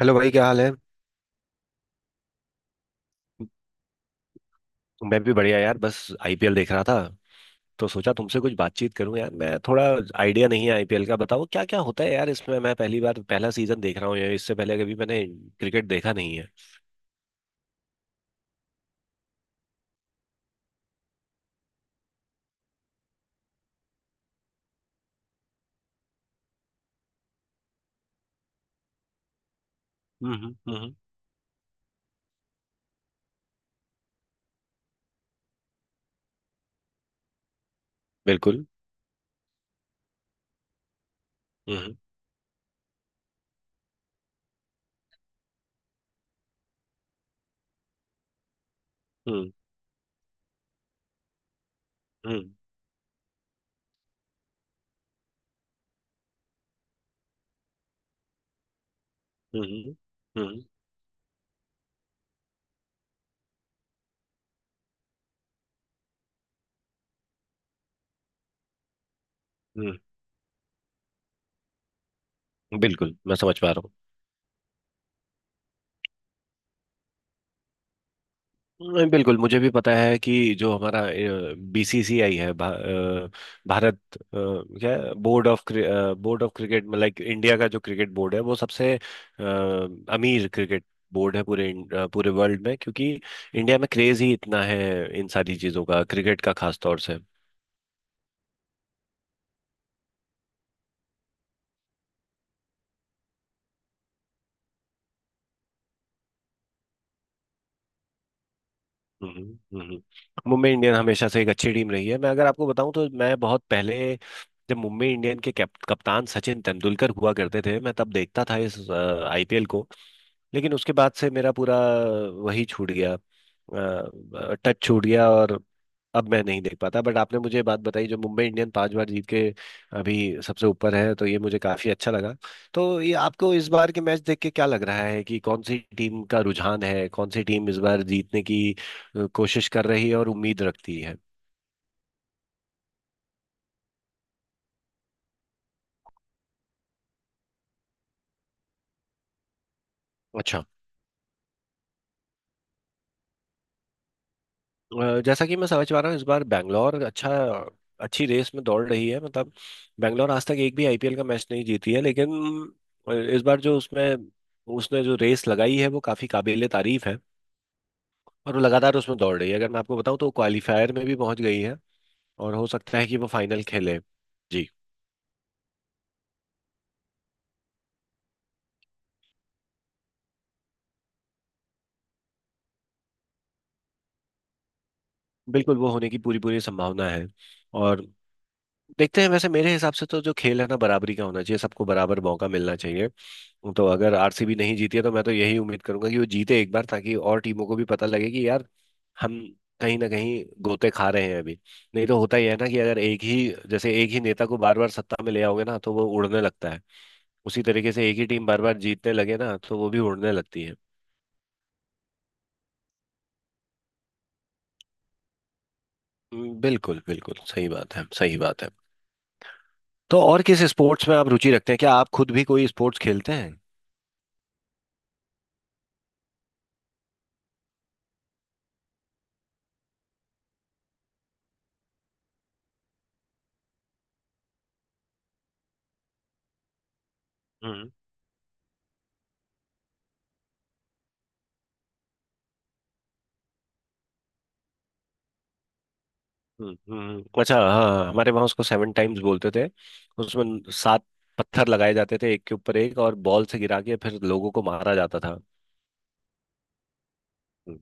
Hello भाई, क्या हाल है। मैं भी बढ़िया यार, बस आईपीएल देख रहा था, तो सोचा तुमसे कुछ बातचीत करूं। यार मैं थोड़ा आइडिया नहीं है आईपीएल का, बताओ क्या क्या होता है यार इसमें। मैं पहली बार पहला सीजन देख रहा हूँ यार, इससे पहले कभी मैंने क्रिकेट देखा नहीं है। हम्म। बिल्कुल। हम्म हम्म। हम्म हम्म। हम्म हम्म, बिल्कुल मैं समझ पा रहा हूँ। नहीं, बिल्कुल मुझे भी पता है कि जो हमारा बीसीसीआई है, भारत, क्या है, बोर्ड ऑफ क्रिकेट, मतलब लाइक इंडिया का जो क्रिकेट बोर्ड है वो सबसे अमीर क्रिकेट बोर्ड है पूरे पूरे वर्ल्ड में, क्योंकि इंडिया में क्रेज ही इतना है इन सारी चीज़ों का, क्रिकेट का खास तौर से। हम्म। मुंबई इंडियन हमेशा से एक अच्छी टीम रही है। मैं अगर आपको बताऊं तो मैं बहुत पहले, जब मुंबई इंडियन के कप्तान सचिन तेंदुलकर हुआ करते थे, मैं तब देखता था इस आईपीएल को। लेकिन उसके बाद से मेरा पूरा वही छूट गया, टच छूट गया। और अब मैं नहीं देख पाता, बट आपने मुझे ये बात बताई जो मुंबई इंडियन पांच बार जीत के अभी सबसे ऊपर है, तो ये मुझे काफी अच्छा लगा। तो ये आपको इस बार के मैच देख के क्या लग रहा है कि कौन सी टीम का रुझान है, कौन सी टीम इस बार जीतने की कोशिश कर रही है और उम्मीद रखती है? अच्छा, जैसा कि मैं समझ पा रहा हूँ इस बार बैंगलोर अच्छी रेस में दौड़ रही है। मतलब बैंगलोर आज तक एक भी आईपीएल का मैच नहीं जीती है, लेकिन इस बार जो उसमें उसने जो रेस लगाई है वो काफ़ी काबिले तारीफ है। और वो लगातार उसमें दौड़ रही है, अगर मैं आपको बताऊं तो क्वालिफायर में भी पहुंच गई है और हो सकता है कि वो फाइनल खेले। जी। बिल्कुल, वो होने की पूरी पूरी संभावना है। और देखते हैं, वैसे मेरे हिसाब से तो जो खेल है ना, बराबरी का होना चाहिए, सबको बराबर मौका मिलना चाहिए। तो अगर आरसीबी नहीं जीती है तो मैं तो यही उम्मीद करूंगा कि वो जीते एक बार, ताकि और टीमों को भी पता लगे कि यार हम कहीं ना कहीं गोते खा रहे हैं अभी। नहीं तो होता ही है ना कि अगर एक ही जैसे एक ही नेता को बार बार सत्ता में ले आओगे ना तो वो उड़ने लगता है, उसी तरीके से एक ही टीम बार बार जीतने लगे ना तो वो भी उड़ने लगती है। बिल्कुल बिल्कुल, सही बात है सही बात है। तो और किस स्पोर्ट्स में आप रुचि रखते हैं, क्या आप खुद भी कोई स्पोर्ट्स खेलते हैं? अच्छा हाँ, हमारे वहाँ उसको सेवन टाइम्स बोलते थे। उसमें सात पत्थर लगाए जाते थे एक के ऊपर एक, और बॉल से गिरा के फिर लोगों को मारा जाता था। हम्म,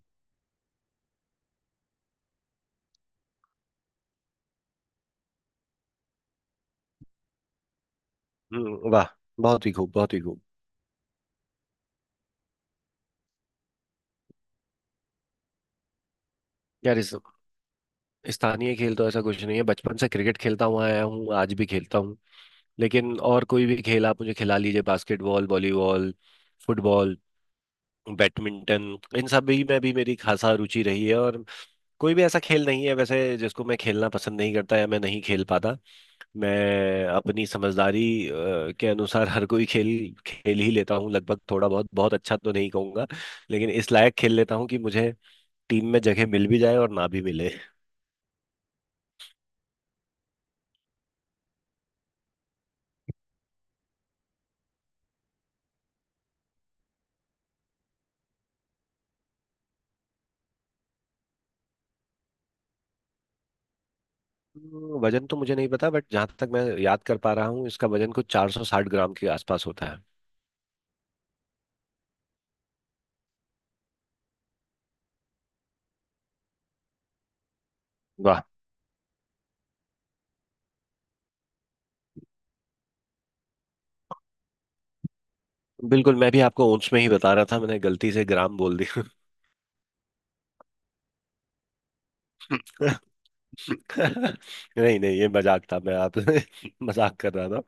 वाह, बहुत ही खूब बहुत ही खूब। यार इस स्थानीय खेल तो ऐसा कुछ नहीं है, बचपन से क्रिकेट खेलता हुआ आया हूँ, आज भी खेलता हूँ। लेकिन और कोई भी खेल आप मुझे खिला लीजिए, बास्केटबॉल, वॉलीबॉल, फुटबॉल, बैडमिंटन, इन सब भी में भी मेरी खासा रुचि रही है। और कोई भी ऐसा खेल नहीं है वैसे जिसको मैं खेलना पसंद नहीं करता या मैं नहीं खेल पाता। मैं अपनी समझदारी अ, के अनुसार हर कोई खेल खेल ही लेता हूँ लगभग, थोड़ा बहुत, बहुत अच्छा तो नहीं कहूँगा लेकिन इस लायक खेल लेता हूँ कि मुझे टीम में जगह मिल भी जाए और ना भी मिले। तो वजन तो मुझे नहीं पता, बट जहाँ तक मैं याद कर पा रहा हूँ इसका वजन कुछ 460 ग्राम के आसपास होता है। वाह, बिल्कुल मैं भी आपको ओंस में ही बता रहा था, मैंने गलती से ग्राम बोल दिया। नहीं नहीं, ये मजाक था, मैं आप मजाक कर रहा था।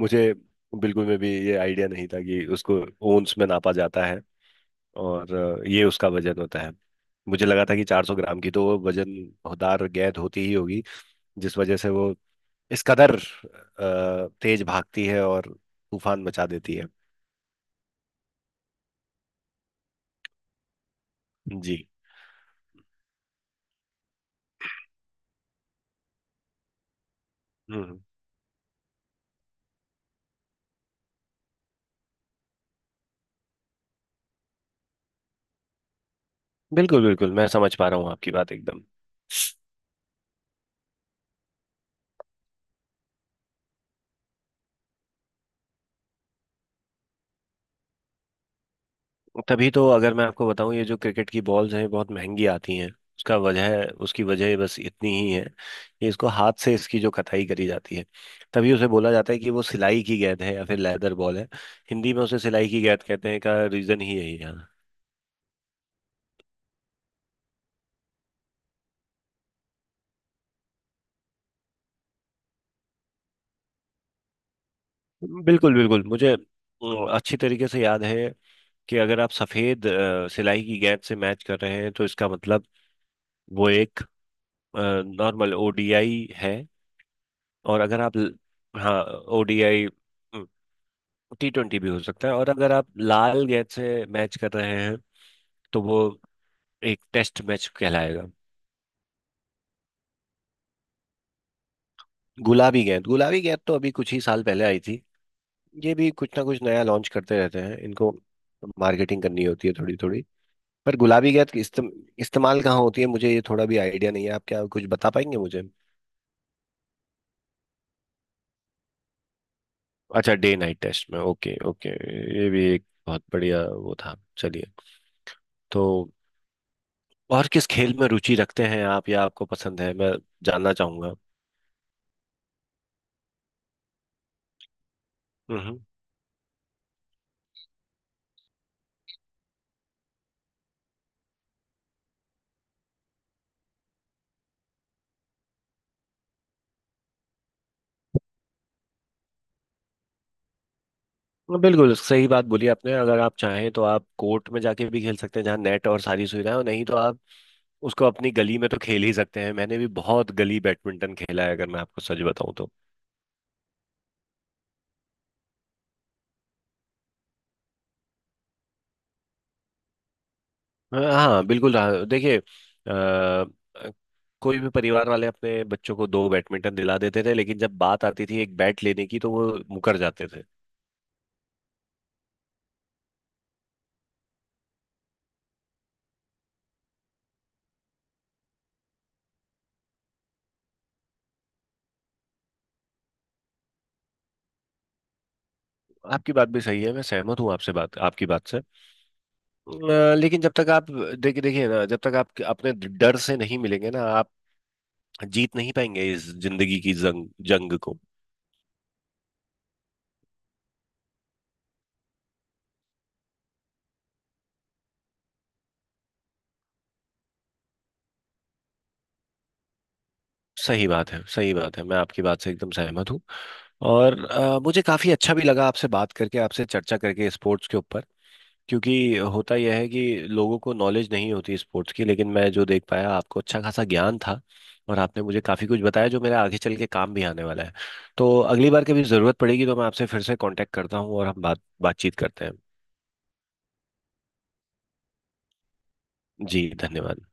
मुझे बिल्कुल में भी ये आइडिया नहीं था कि उसको ओंस में नापा जाता है। और ये उसका वजन होता है, मुझे लगा था कि 400 ग्राम की तो वो वजनदार गेंद होती ही होगी, जिस वजह से वो इस कदर तेज भागती है और तूफान मचा देती है। जी। हम्म, बिल्कुल बिल्कुल मैं समझ पा रहा हूँ आपकी बात एकदम। तभी तो, अगर मैं आपको बताऊं, ये जो क्रिकेट की बॉल्स हैं बहुत महंगी आती हैं, उसका वजह उसकी वजह बस इतनी ही है कि इसको हाथ से इसकी जो कताई करी जाती है, तभी उसे बोला जाता है कि वो सिलाई की गेंद है या फिर लेदर बॉल है। हिंदी में उसे सिलाई की गेंद कहते हैं का रीजन ही यही है। बिल्कुल बिल्कुल, मुझे अच्छी तरीके से याद है कि अगर आप सफेद सिलाई की गेंद से मैच कर रहे हैं तो इसका मतलब वो एक नॉर्मल ओडीआई है, और अगर आप हाँ, ओडीआई टी ट्वेंटी भी हो सकता है, और अगर आप लाल गेंद से मैच कर रहे हैं तो वो एक टेस्ट मैच कहलाएगा। गुलाबी गेंद, गुलाबी गेंद तो अभी कुछ ही साल पहले आई थी, ये भी कुछ ना कुछ नया लॉन्च करते रहते हैं, इनको मार्केटिंग करनी होती है थोड़ी थोड़ी। पर गुलाबी गेंद की इस्तेमाल कहाँ होती है, मुझे ये थोड़ा भी आइडिया नहीं है, आप क्या कुछ बता पाएंगे मुझे? अच्छा, डे नाइट टेस्ट में, ओके ओके। ये भी एक बहुत बढ़िया वो था, चलिए। तो और किस खेल में रुचि रखते हैं आप, या आपको पसंद है, मैं जानना चाहूंगा। हम्म। बिल्कुल सही बात बोली आपने, अगर आप चाहें तो आप कोर्ट में जाके भी खेल सकते हैं जहाँ नेट और सारी सुविधाएं हो, नहीं तो आप उसको अपनी गली में तो खेल ही सकते हैं। मैंने भी बहुत गली बैडमिंटन खेला है अगर मैं आपको सच बताऊं तो। हाँ बिल्कुल, हाँ देखिए, कोई भी परिवार वाले अपने बच्चों को दो बैडमिंटन दिला देते थे, लेकिन जब बात आती थी एक बैट लेने की तो वो मुकर जाते थे। आपकी बात भी सही है, मैं सहमत हूँ आपसे, बात आपकी बात से। लेकिन जब तक आप, देखिए देखिए ना, जब तक आप अपने डर से नहीं मिलेंगे ना, आप जीत नहीं पाएंगे इस जिंदगी की जंग, जंग को। सही बात है सही बात है, मैं आपकी बात से एकदम सहमत हूँ। और मुझे काफ़ी अच्छा भी लगा आपसे बात करके, आपसे चर्चा करके स्पोर्ट्स के ऊपर, क्योंकि होता यह है कि लोगों को नॉलेज नहीं होती स्पोर्ट्स की, लेकिन मैं जो देख पाया आपको अच्छा खासा ज्ञान था, और आपने मुझे काफ़ी कुछ बताया जो मेरे आगे चल के काम भी आने वाला है। तो अगली बार कभी ज़रूरत पड़ेगी तो मैं आपसे फिर से कांटेक्ट करता हूँ, और हम बातचीत करते हैं। जी धन्यवाद।